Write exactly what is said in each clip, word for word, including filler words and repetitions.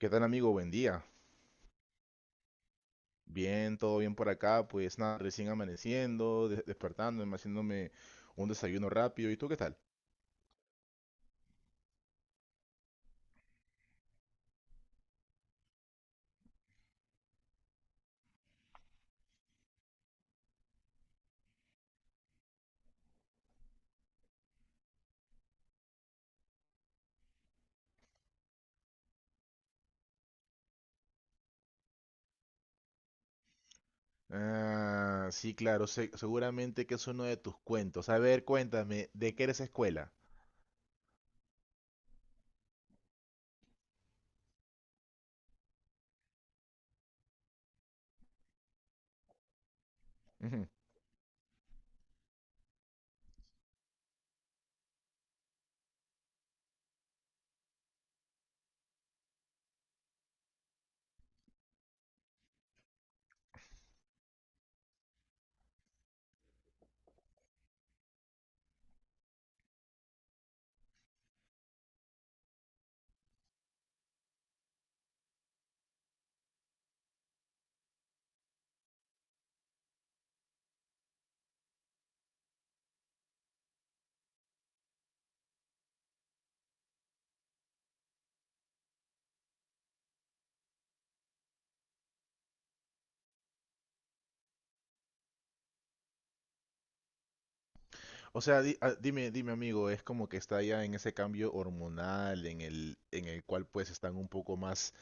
¿Qué tal, amigo? Buen día. Bien, todo bien por acá. Pues nada, recién amaneciendo, des- despertándome, haciéndome un desayuno rápido. ¿Y tú qué tal? Ah, sí, claro, se- seguramente que es uno de tus cuentos. A ver, cuéntame, ¿de qué eres escuela? Ujú. O sea, di- ah, dime, dime, amigo, es como que está ya en ese cambio hormonal en el, en el cual pues están un poco más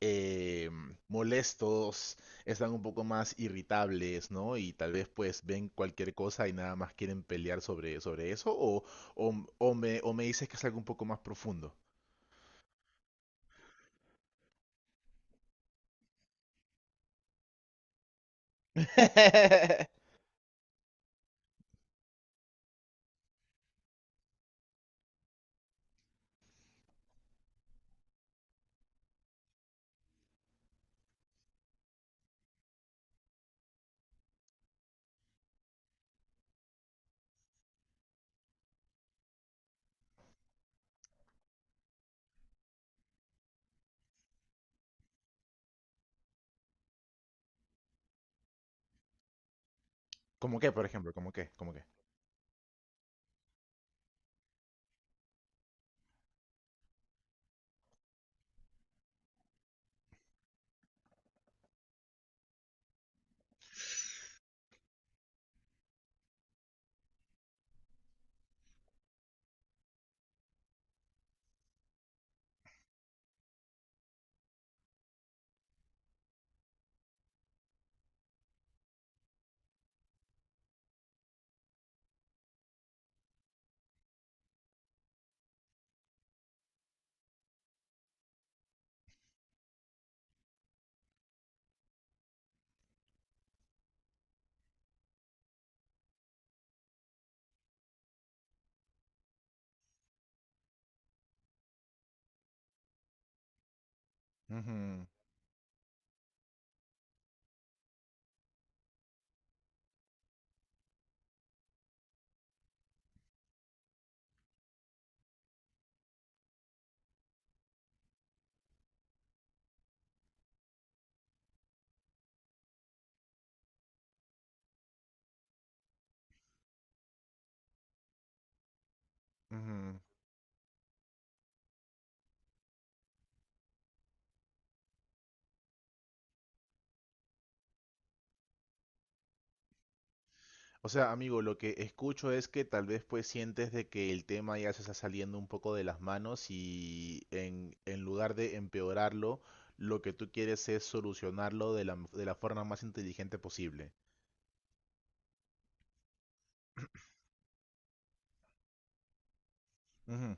eh, molestos, están un poco más irritables, ¿no? Y tal vez pues ven cualquier cosa y nada más quieren pelear sobre, sobre eso, o, o, o me, o me dices que es algo un poco más profundo. ¿Cómo qué, por ejemplo? ¿Cómo qué? ¿Cómo qué? Ujú, ujú. O sea, amigo, lo que escucho es que tal vez pues sientes de que el tema ya se está saliendo un poco de las manos y en, en lugar de empeorarlo, lo que tú quieres es solucionarlo de la, de la forma más inteligente posible. Ujú.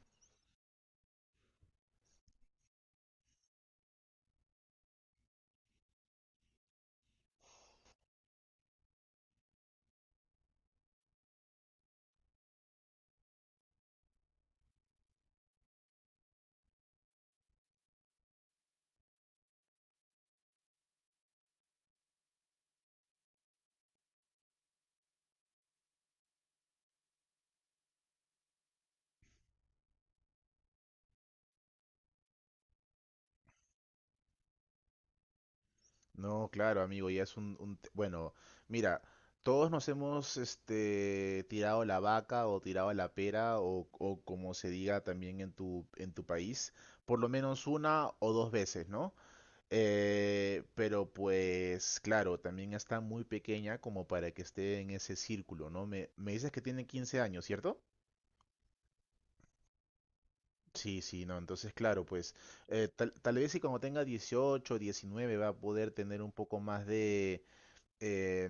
No, claro, amigo, ya es un, un te- Bueno, mira, todos nos hemos este, tirado la vaca o tirado la pera o, o como se diga también en tu, en tu país, por lo menos una o dos veces, ¿no? Eh, pero pues, claro, también está muy pequeña como para que esté en ese círculo, ¿no? Me, me dices que tiene quince años, ¿cierto? Sí, sí, no, entonces claro, pues eh, tal, tal vez si cuando tenga dieciocho, diecinueve va a poder tener un poco más de eh,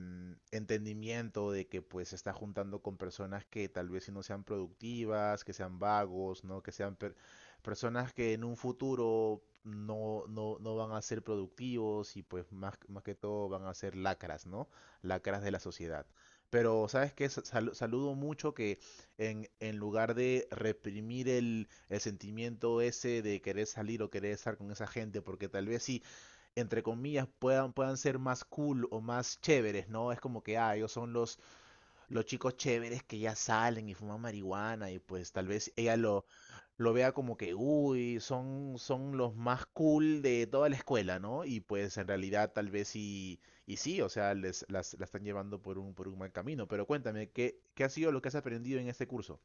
entendimiento de que pues se está juntando con personas que tal vez si no sean productivas, que sean vagos, ¿no? Que sean per- personas que en un futuro no, no, no van a ser productivos y pues más, más que todo van a ser lacras, ¿no? Lacras de la sociedad. Pero, ¿sabes qué? Sal- saludo mucho que en, en lugar de reprimir el, el sentimiento ese de querer salir o querer estar con esa gente, porque tal vez sí, entre comillas, puedan, puedan ser más cool o más chéveres, ¿no? Es como que, ah, ellos son los, los chicos chéveres que ya salen y fuman marihuana y pues tal vez ella lo, lo vea como que, uy, son, son los más cool de toda la escuela, ¿no? Y pues en realidad tal vez sí, y sí, o sea, les, las, la están llevando por un, por un mal camino. Pero cuéntame, ¿qué, qué ha sido lo que has aprendido en este curso?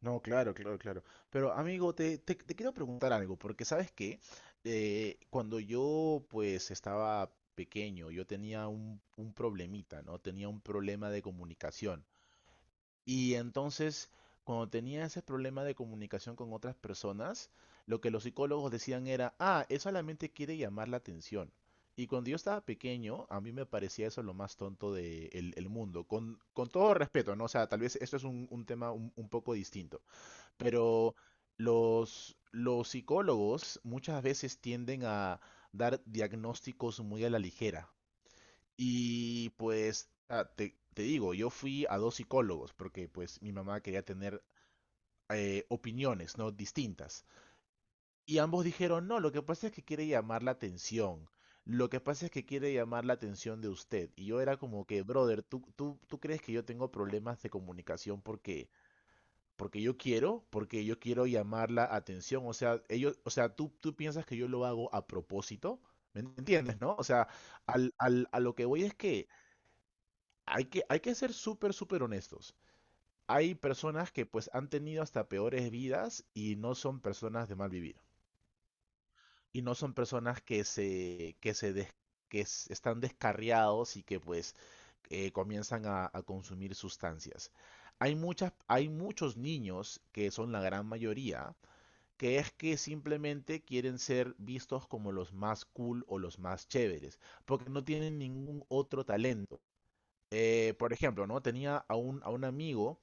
No, claro, claro, claro. Pero amigo, te, te, te quiero preguntar algo, porque sabes que cuando yo pues estaba pequeño, yo tenía un, un problemita, ¿no? Tenía un problema de comunicación. Y entonces, cuando tenía ese problema de comunicación con otras personas, lo que los psicólogos decían era, ah, él solamente quiere llamar la atención. Y cuando yo estaba pequeño, a mí me parecía eso lo más tonto del mundo, con, con todo respeto, ¿no? O sea, tal vez esto es un, un tema un un poco distinto. Pero los, los psicólogos muchas veces tienden a dar diagnósticos muy a la ligera. Y pues ah, te, te digo, yo fui a dos psicólogos porque pues mi mamá quería tener eh, opiniones, ¿no? Distintas. Y ambos dijeron, no, lo que pasa es que quiere llamar la atención. Lo que pasa es que quiere llamar la atención de usted. Y yo era como que, brother, ¿tú, tú, tú crees que yo tengo problemas de comunicación porque porque yo quiero, porque yo quiero llamar la atención. O sea, ellos, o sea, tú, tú piensas que yo lo hago a propósito. ¿Me entiendes, no? O sea, al, al- a lo que voy es que hay que, hay que ser súper, súper honestos. Hay personas que pues han tenido hasta peores vidas y no son personas de mal vivir. Y no son personas que se, que se des- que s- están descarriados y que pues eh, comienzan a, a consumir sustancias. Hay muchas, hay muchos niños que son la gran mayoría que es que simplemente quieren ser vistos como los más cool o los más chéveres, porque no tienen ningún otro talento. Eh, por ejemplo, ¿no? Tenía a un, a un amigo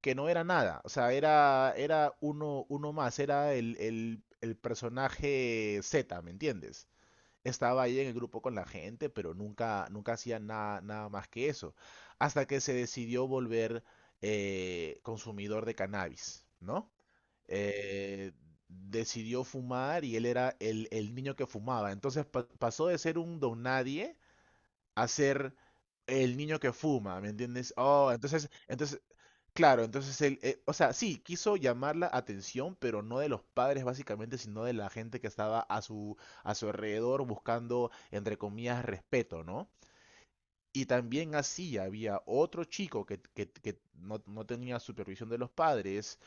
que no era nada, o sea, era, era uno, uno más, era el, el, el personaje Z, ¿me entiendes? Estaba ahí en el grupo con la gente, pero nunca, nunca hacía nada, nada más que eso, hasta que se decidió volver eh, consumidor de cannabis, ¿no? eh, Decidió fumar y él era el, el niño que fumaba. Entonces pa- pasó de ser un don nadie a ser el niño que fuma, ¿me entiendes? Oh, entonces, entonces, claro, entonces él, eh, o sea, sí, quiso llamar la atención, pero no de los padres básicamente, sino de la gente que estaba a su, a su alrededor buscando, entre comillas, respeto, ¿no? Y también así había otro chico que, que- que no, no tenía supervisión de los padres,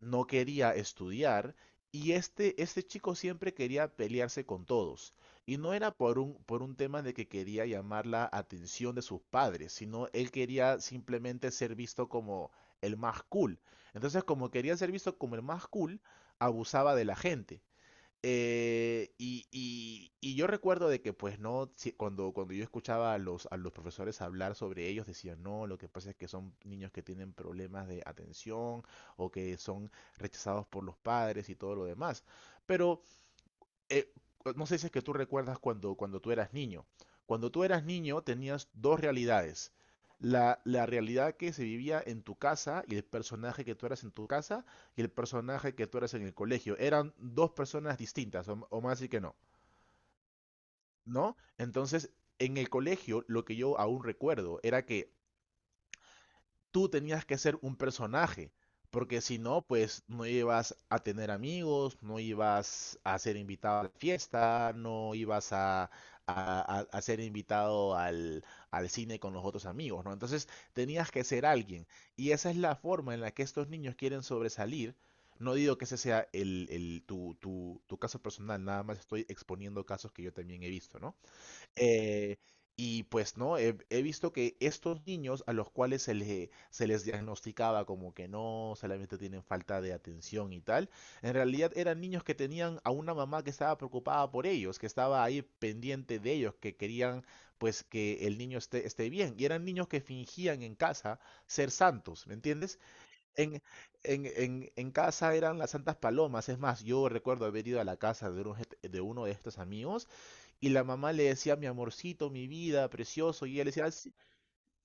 no quería estudiar y este, este chico siempre quería pelearse con todos. Y no era por un, por un tema de que quería llamar la atención de sus padres, sino él quería simplemente ser visto como el más cool. Entonces, como quería ser visto como el más cool, abusaba de la gente. Eh, y, y- y yo recuerdo de que, pues, no, si- cuando, cuando yo escuchaba a los, a los profesores hablar sobre ellos, decían, no, lo que pasa es que son niños que tienen problemas de atención o que son rechazados por los padres y todo lo demás. Pero eh, no sé si es que tú recuerdas cuando, cuando tú eras niño. Cuando tú eras niño tenías dos realidades. La, la realidad que se vivía en tu casa y el personaje que tú eras en tu casa y el personaje que tú eras en el colegio. Eran dos personas distintas, o, o más y que no, ¿no? Entonces, en el colegio, lo que yo aún recuerdo era que tú tenías que ser un personaje, porque si no, pues no ibas a tener amigos, no ibas a ser invitado a la fiesta, no ibas a, a- a- a ser invitado al, al cine con los otros amigos, ¿no? Entonces tenías que ser alguien. Y esa es la forma en la que estos niños quieren sobresalir. No digo que ese sea el, el- tu, tu, tu caso personal, nada más estoy exponiendo casos que yo también he visto, ¿no? Eh, y pues no, he, he visto que estos niños a los cuales se les, se les diagnosticaba como que no, solamente tienen falta de atención y tal, en realidad eran niños que tenían a una mamá que estaba preocupada por ellos, que estaba ahí pendiente de ellos, que querían pues que el niño esté, esté bien. Y eran niños que fingían en casa ser santos, ¿me entiendes? En, en, en, en casa eran las santas palomas. Es más, yo recuerdo haber ido a la casa de uno de uno de estos amigos y la mamá le decía, mi amorcito, mi vida, precioso. Y él decía, "Ah, sí,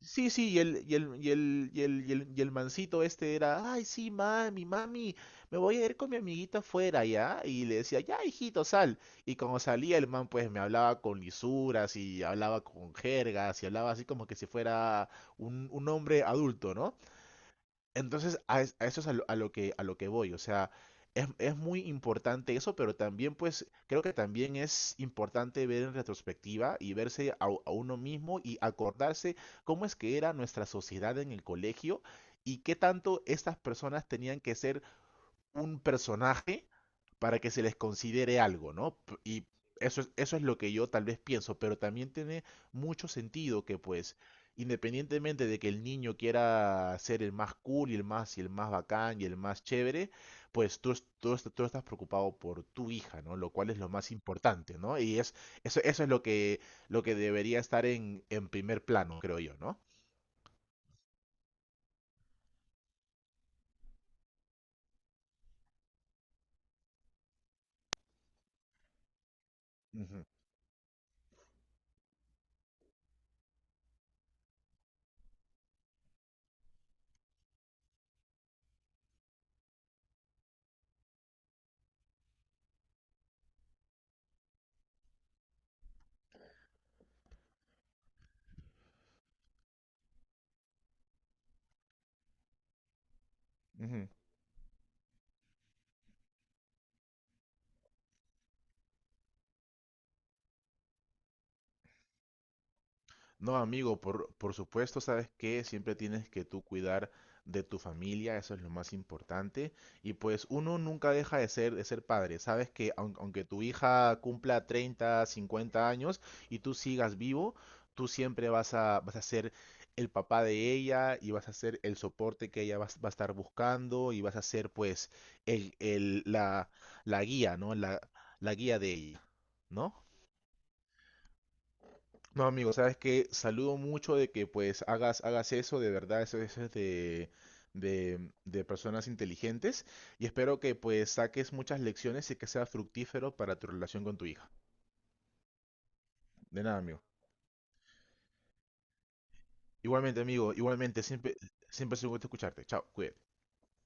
sí, sí", Y el, y el, y el, y el, y el, y el mancito este era, ay, sí, mami, mami, me voy a ir con mi amiguita afuera, ¿ya? Y le decía, ya, hijito, sal. Y cuando salía el man, pues me hablaba con lisuras y hablaba con jergas y hablaba así como que si fuera un, un hombre adulto, ¿no? Entonces, a, es- a eso es a lo, a lo que, a lo que voy. O sea, es, es muy importante eso, pero también, pues, creo que también es importante ver en retrospectiva y verse a, u- a uno mismo y acordarse cómo es que era nuestra sociedad en el colegio y qué tanto estas personas tenían que ser un personaje para que se les considere algo, ¿no? P- Y eso es, eso es lo que yo tal vez pienso, pero también tiene mucho sentido que pues, independientemente de que el niño quiera ser el más cool y el más y el más bacán y el más chévere, pues tú, es- tú, est- tú estás preocupado por tu hija, ¿no? Lo cual es lo más importante, ¿no? Y es, eso, eso es lo que, lo que debería estar en, en primer plano, creo yo, ¿no? Ujú, ujú. No, amigo, por, por supuesto, sabes que siempre tienes que tú cuidar de tu familia, eso es lo más importante. Y pues uno nunca deja de ser, de ser padre. Sabes que aun- aunque tu hija cumpla treinta, cincuenta años y tú sigas vivo, tú siempre vas a, vas a ser el papá de ella y vas a ser el soporte que ella va, a va a estar buscando y vas a ser pues el, el- la, la guía, ¿no? La, la guía de ella, ¿no? No, amigo, sabes que saludo mucho de que pues hagas, hagas eso, de verdad, eso, eso es de, de, de personas inteligentes y espero que pues saques muchas lecciones y que sea fructífero para tu relación con tu hija. De nada, amigo. Igualmente, amigo, igualmente, siempre, siempre es un gusto escucharte. Chao, cuídate.